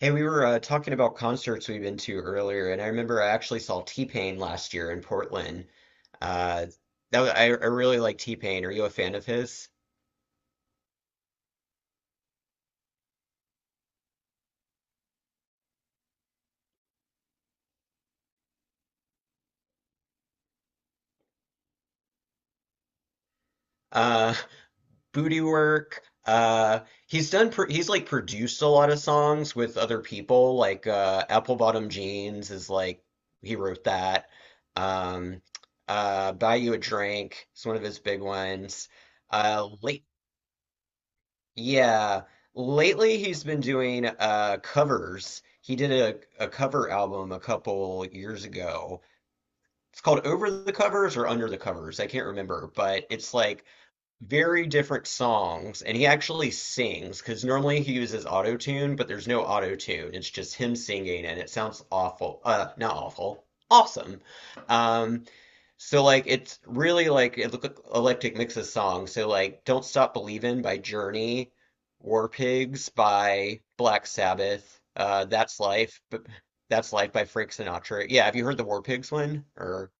Hey, we were talking about concerts we've been to earlier, and I remember I actually saw T-Pain last year in Portland. Uh, that was, I really like T-Pain. Are you a fan of his? Uh, Booty Work. He's like produced a lot of songs with other people. Like Apple Bottom Jeans is like he wrote that. Um, Buy You a Drink is one of his big ones. Late. Yeah, lately he's been doing covers. He did a cover album a couple years ago. It's called Over the Covers or Under the Covers. I can't remember, but it's like very different songs, and he actually sings because normally he uses auto tune, but there's no auto tune. It's just him singing, and it sounds awful. Not awful, awesome. Um, so like it's really like it look eclectic mix of songs. So like "Don't Stop Believin'" by Journey, "War Pigs" by Black Sabbath, "That's Life," but "That's Life" by Frank Sinatra. Yeah, have you heard the War Pigs one? Or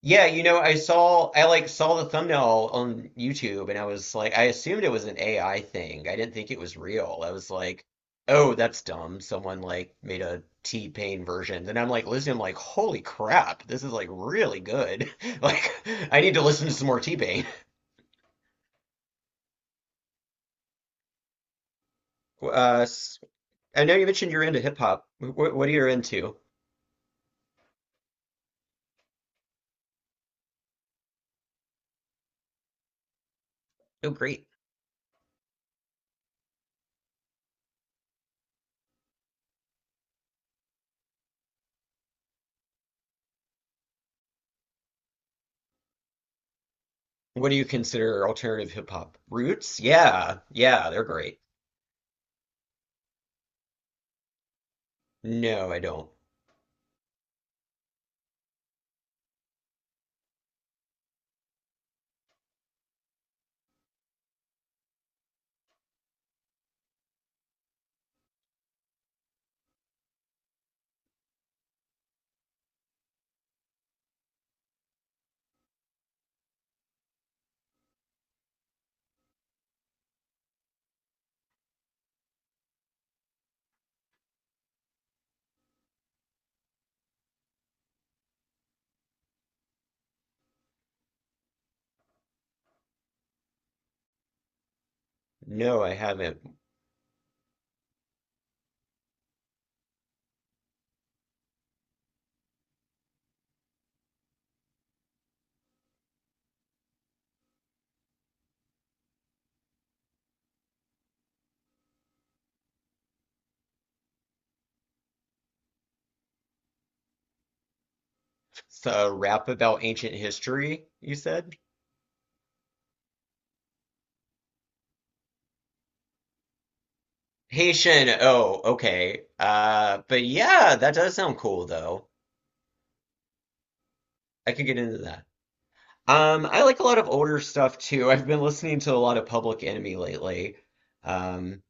yeah, I saw I like saw the thumbnail on YouTube and I was like I assumed it was an AI thing. I didn't think it was real. I was like, "Oh, that's dumb. Someone like made a T-Pain version." Then I'm like listening I'm like, "Holy crap. This is like really good." Like I need to listen to some more T-Pain. Uh s- I know you mentioned you're into hip hop. What are you into? Oh, great. What do you consider alternative hip hop? Roots? Yeah. Yeah, they're great. No, I don't. No, I haven't. So, rap about ancient history, you said? Haitian. Oh, okay. But yeah, that does sound cool though. I could get into that. I like a lot of older stuff too. I've been listening to a lot of Public Enemy lately. Um,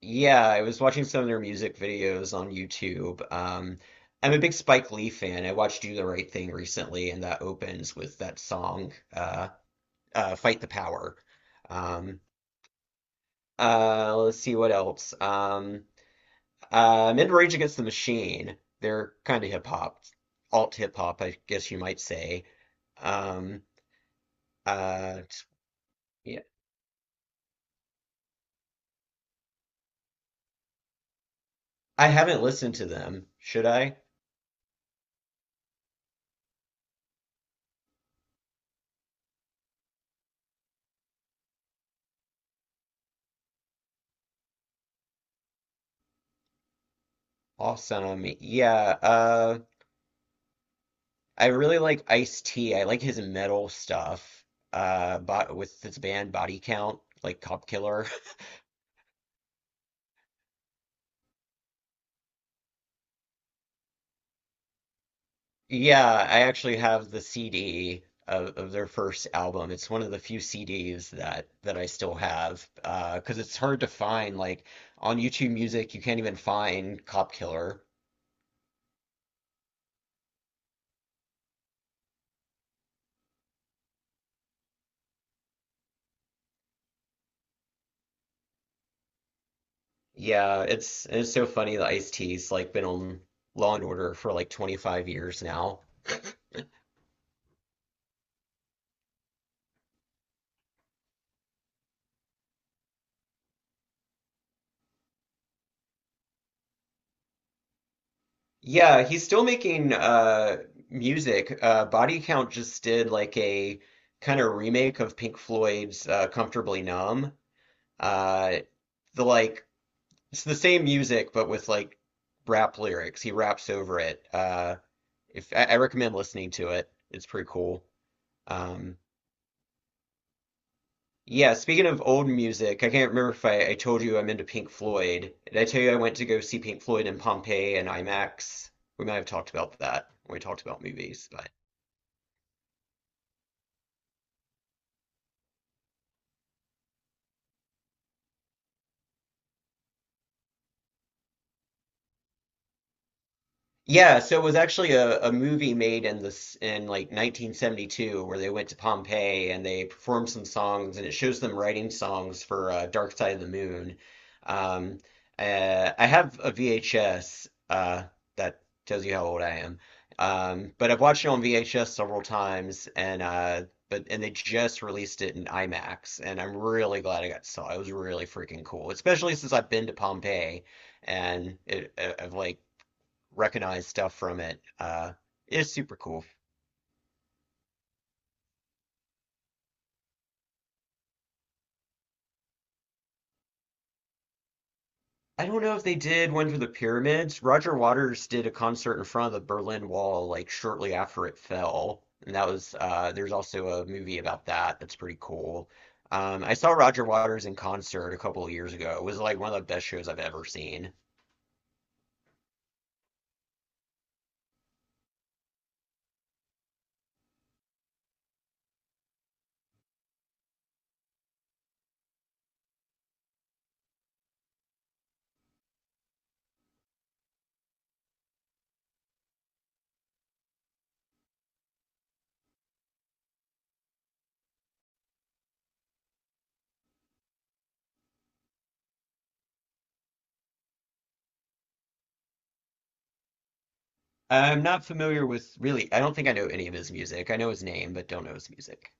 yeah, I was watching some of their music videos on YouTube. I'm a big Spike Lee fan. I watched Do the Right Thing recently, and that opens with that song, Fight the Power. Um, let's see what else. In Rage Against the Machine, they're kind of hip hop, alt hip hop, I guess you might say. Um, uh, yeah, I haven't listened to them. Should I? Awesome. Yeah. Uh, I really like Ice-T. I like his metal stuff. But with this band Body Count, like Cop Killer. Yeah, I actually have the CD of their first album. It's one of the few CDs that I still have 'cause it's hard to find like on YouTube Music you can't even find Cop Killer. Yeah, it's so funny that Ice-T's like been on Law and Order for like 25 years now. Yeah, he's still making music. Body Count just did like a kind of remake of Pink Floyd's Comfortably Numb. Uh the like It's the same music, but with like rap lyrics. He raps over it. If I, I recommend listening to it, it's pretty cool. Um, yeah, speaking of old music, I can't remember if I told you I'm into Pink Floyd. Did I tell you I went to go see Pink Floyd in Pompeii and IMAX? We might have talked about that when we talked about movies, but yeah, so it was actually a movie made in this in like 1972 where they went to Pompeii and they performed some songs and it shows them writing songs for Dark Side of the Moon. Um, I have a VHS that tells you how old I am, but I've watched it on VHS several times and but and they just released it in IMAX and I'm really glad I got to saw it. It was really freaking cool, especially since I've been to Pompeii and it, I've like recognize stuff from it. It's super cool. I don't know if they did one for the pyramids. Roger Waters did a concert in front of the Berlin Wall like shortly after it fell, and that was there's also a movie about that that's pretty cool. I saw Roger Waters in concert a couple of years ago. It was like one of the best shows I've ever seen. I'm not familiar with really, I don't think I know any of his music. I know his name, but don't know his music.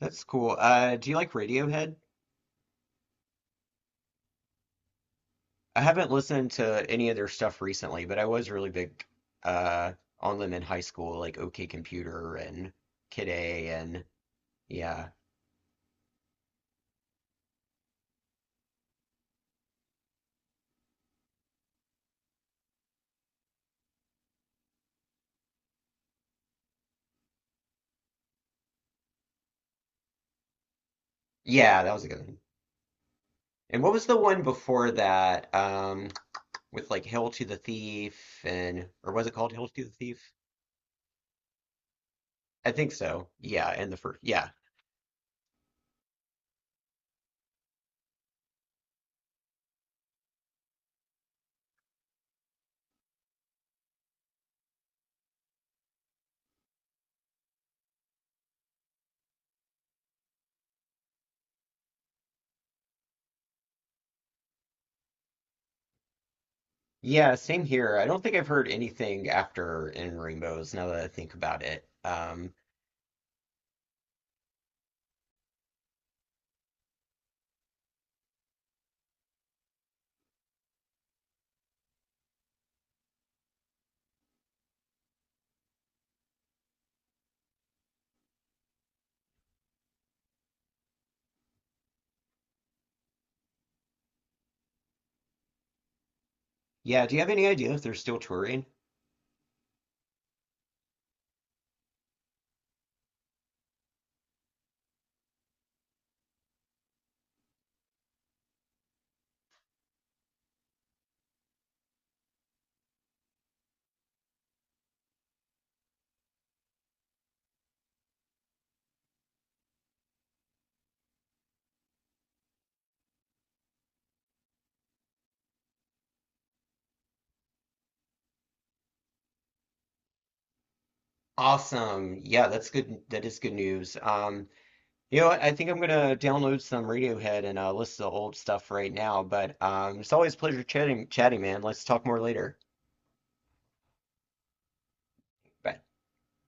That's cool. Do you like Radiohead? I haven't listened to any of their stuff recently, but I was really big uh, on them in high school, like OK Computer and Kid A and yeah. Yeah, that was a good one. And what was the one before that? With like Hail to the Thief and or was it called Hail to the Thief? I think so. Yeah, and the first yeah. Yeah, same here. I don't think I've heard anything after In Rainbows now that I think about it. Yeah, do you have any idea if they're still touring? Awesome. Yeah, that's good. That is good news. You know what? I think I'm gonna download some Radiohead and listen to old stuff right now. But it's always a pleasure chatting, man. Let's talk more later. Bye.